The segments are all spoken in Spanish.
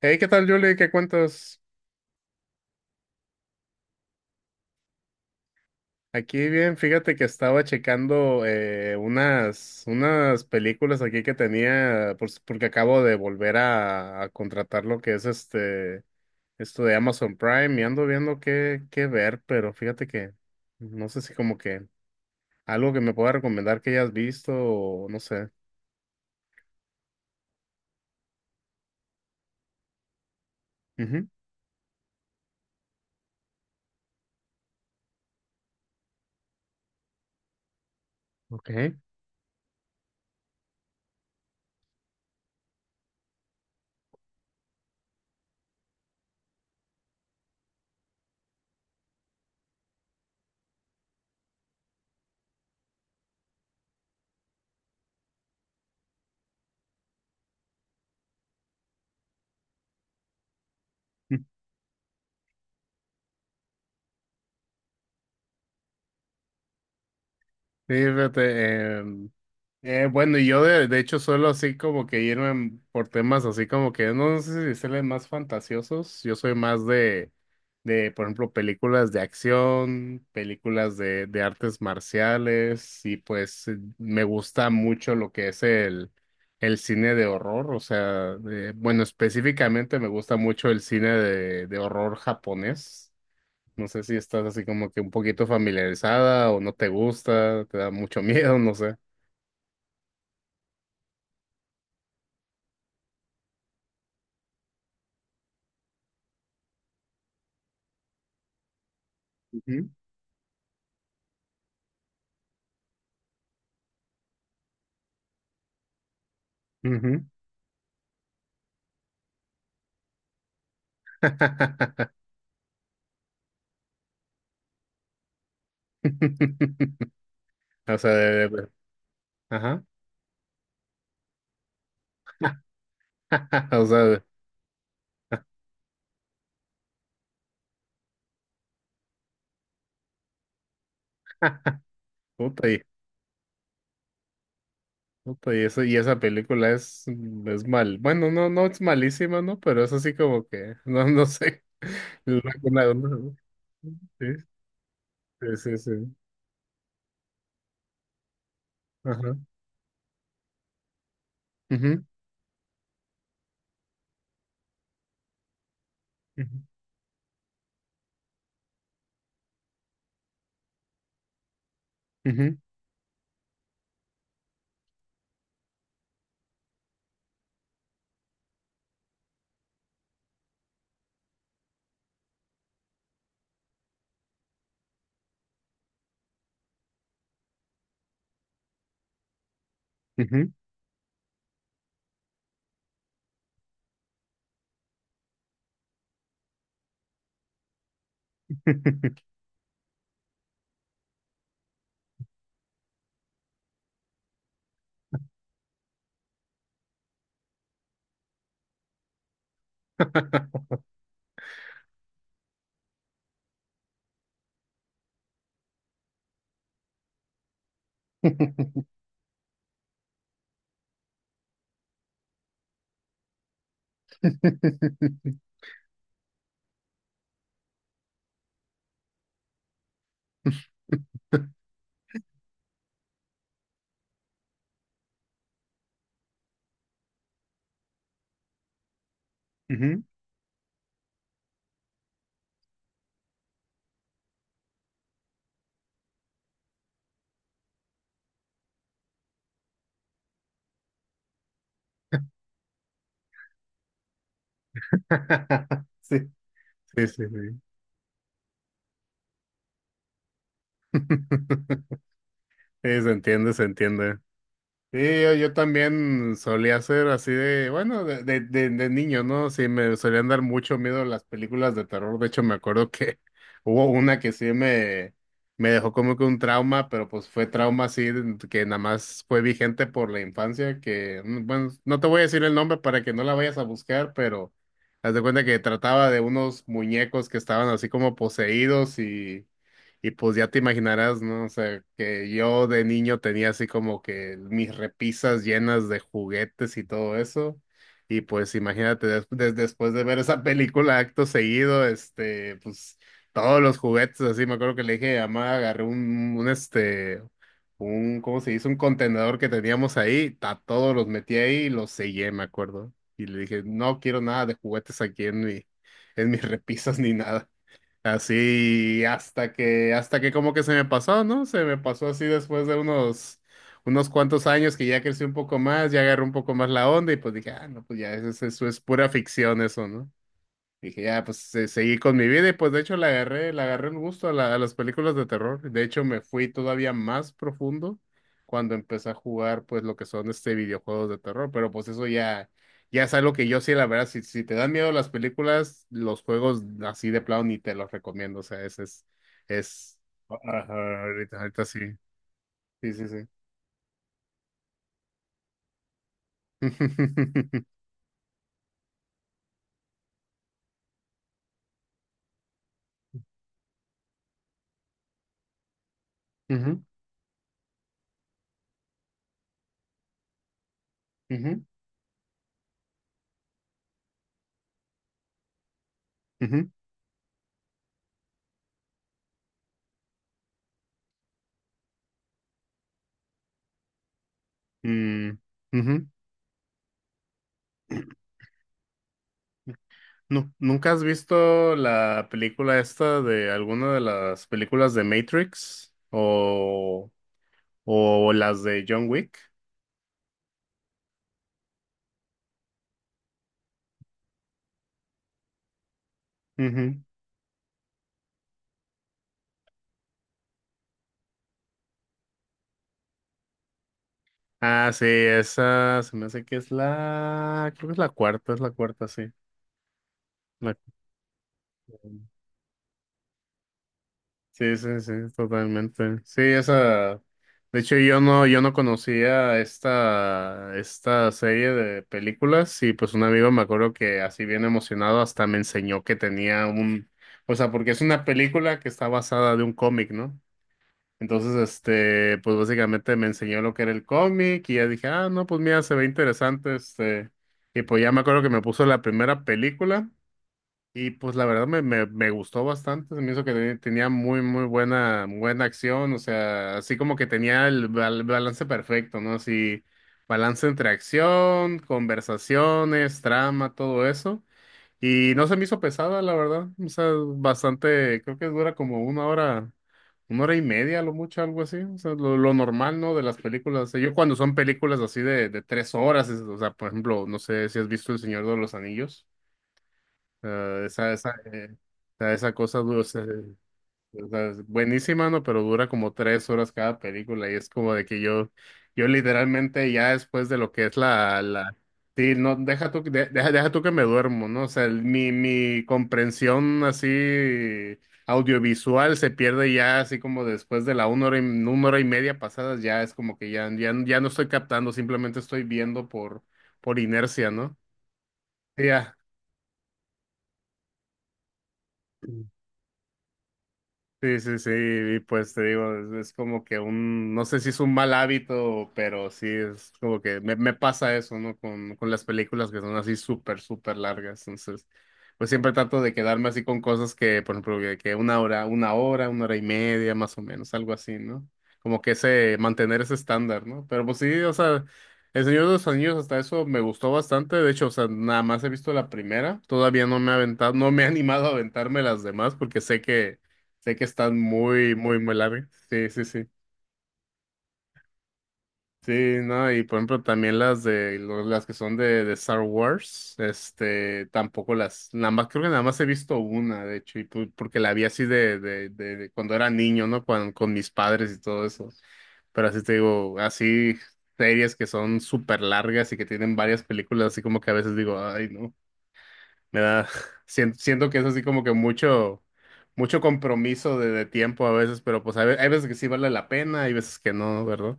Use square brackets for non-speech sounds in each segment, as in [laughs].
Hey, ¿qué tal, Julie? ¿Qué cuentas? Aquí bien, fíjate que estaba checando unas películas aquí que tenía, pues, porque acabo de volver a contratar lo que es esto de Amazon Prime y ando viendo qué ver, pero fíjate que no sé si como que algo que me pueda recomendar que hayas visto o no sé. Ujú. Ok. [laughs] Sí, fíjate, bueno, y yo de hecho suelo así como que irme por temas así como que no sé si decirle más fantasiosos. Yo soy más de, por ejemplo, películas de acción, películas de artes marciales y pues me gusta mucho lo que es el cine de horror. O sea, bueno, específicamente me gusta mucho el cine de horror japonés. No sé si estás así como que un poquito familiarizada o no te gusta, te da mucho [laughs] miedo, no sé. Ujú. [laughs] O sea, ajá. [laughs] O sea, [laughs] puta y, puta y eso, y esa película es mal. Bueno, no, no es malísima, ¿no? Pero es así como que, [laughs] no, no sé. [laughs] Una- una- una- sí, sí, sí, sí. Ajá. Ujú, ujú, ujú, ujú. [laughs] Ujú. [laughs] Sí, sí, sí, sí. [laughs] Sí, se entiende, se entiende. Sí, yo también solía ser así de, bueno, de niño, ¿no? Sí, me solían dar mucho miedo las películas de terror. De hecho, me acuerdo que [laughs] hubo una que sí me dejó como que un trauma, pero pues fue trauma así que nada más fue vigente por la infancia, que, bueno, no te voy a decir el nombre para que no la vayas a buscar, pero haz de cuenta que trataba de unos muñecos que estaban así como poseídos y pues ya te imaginarás, ¿no? O sea, que yo de niño tenía así como que mis repisas llenas de juguetes y todo eso. Y pues imagínate, después de ver esa película acto seguido, este, pues todos los juguetes, así me acuerdo que le dije a mamá, agarré, ¿cómo se dice? Un contenedor que teníamos ahí, a todos los metí ahí y los sellé, me acuerdo. Y le dije, no quiero nada de juguetes aquí en mis repisas ni nada. Así hasta que como que se me pasó, ¿no? Se me pasó así después de unos cuantos años que ya crecí un poco más, ya agarré un poco más la onda y pues dije, ah, no, pues ya eso es pura ficción eso, ¿no? Dije, ya, pues seguí con mi vida y pues de hecho le agarré el gusto a las películas de terror. De hecho, me fui todavía más profundo cuando empecé a jugar pues lo que son videojuegos de terror. Pero pues eso ya es algo que yo sí, la verdad, si te dan miedo las películas, los juegos así de plano ni te los recomiendo. O sea, es, ajá, ahorita, ahorita sí. Sí, sí, sí. [laughs] Ujú, ujú, ujú, mm, ujú. No, ¿nunca has visto la película esta de alguna de las películas de Matrix o las de John Wick? Ujú. Ah, sí, esa se me hace que es creo que es la cuarta, sí. La- Sí, sí, sí, totalmente. Sí, esa. De hecho, yo no conocía esta serie de películas y pues un amigo me acuerdo que así bien emocionado hasta me enseñó que tenía o sea, porque es una película que está basada de un cómic, ¿no? Entonces, pues básicamente me enseñó lo que era el cómic y ya dije, ah, no, pues mira, se ve interesante, y pues ya me acuerdo que me puso la primera película. Y pues la verdad me gustó bastante, se me hizo que tenía muy, muy buena, buena acción, o sea, así como que tenía el balance perfecto, ¿no? Así, balance entre acción, conversaciones, trama, todo eso. Y no se me hizo pesada, la verdad, o sea, bastante, creo que dura como una hora y media, a lo mucho, algo así, o sea, lo normal, ¿no? De las películas. O sea, yo cuando son películas así de 3 horas, o sea, por ejemplo, no sé si has visto El Señor de los Anillos sea, esa, o esa cosa dura, o sea, es buenísima, ¿no? Pero dura como 3 horas cada película y es como de que yo literalmente ya después de lo que es sí, no, deja tú, deja tú que me duermo, ¿no? O sea, mi comprensión así audiovisual se pierde ya así como después de la una hora, una hora y media pasadas, ya es como que ya no estoy captando, simplemente estoy viendo por inercia, ¿no? Sí, ya. Sí, sí, sí, y pues te digo, es como que no sé si es un mal hábito, pero sí es como que me pasa eso, ¿no? Con las películas que son así súper, súper largas. Entonces, pues siempre trato de quedarme así con cosas que, por ejemplo, que una hora, una hora y media, más o menos, algo así, ¿no? Como que ese, mantener ese estándar, ¿no? Pero pues sí, o sea, El Señor de los Anillos hasta eso me gustó bastante, de hecho, o sea, nada más he visto la primera, todavía no me he aventado, no me he [laughs] animado a aventarme las demás porque sé que están muy, muy, muy largas. Sí, sí, sí. Sí, no, y por ejemplo también las que son de Star Wars, tampoco nada más, creo que nada más he visto una, de hecho, y porque la vi así de cuando era niño, ¿no? Con mis padres y todo eso. Pero así te digo, así series que son súper largas y que tienen varias películas, así como que a veces digo, ay, no. Me da, [laughs] siento, que es así como que mucho, mucho compromiso de tiempo a veces, pero pues a hay veces que sí vale la pena, hay veces que no, ¿verdad?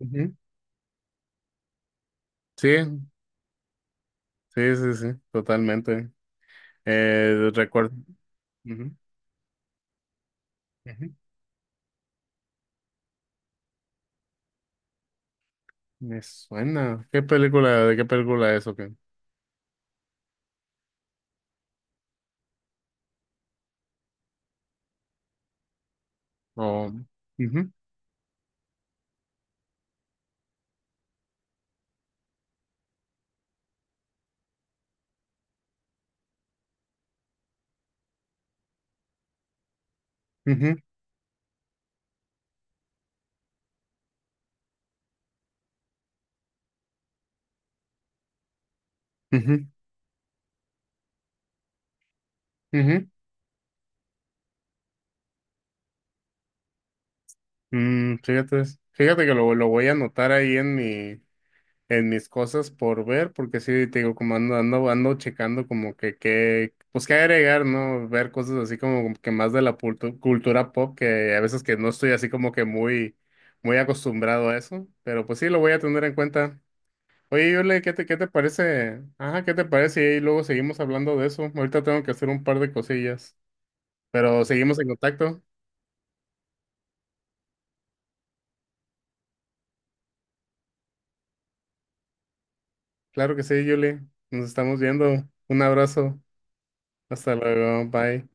Ujú. Sí, sí, sí, sí, totalmente. Recuerdo. Ujú, ujú. Me suena. ¿De qué película es o qué? Oh. Ujú, ujú, ujú, ujú. Mm, fíjate, fíjate que lo voy a anotar ahí en mis cosas por ver, porque sí, te digo, como ando checando como que, pues qué agregar, ¿no? Ver cosas así como que más de la cultura pop, que a veces que no estoy así como que muy, muy acostumbrado a eso, pero pues sí, lo voy a tener en cuenta. Oye, Yule, ¿qué te parece? Ajá, ¿qué te parece? Y luego seguimos hablando de eso. Ahorita tengo que hacer un par de cosillas, pero seguimos en contacto. Claro que sí, Yule. Nos estamos viendo. Un abrazo. Hasta luego. Bye.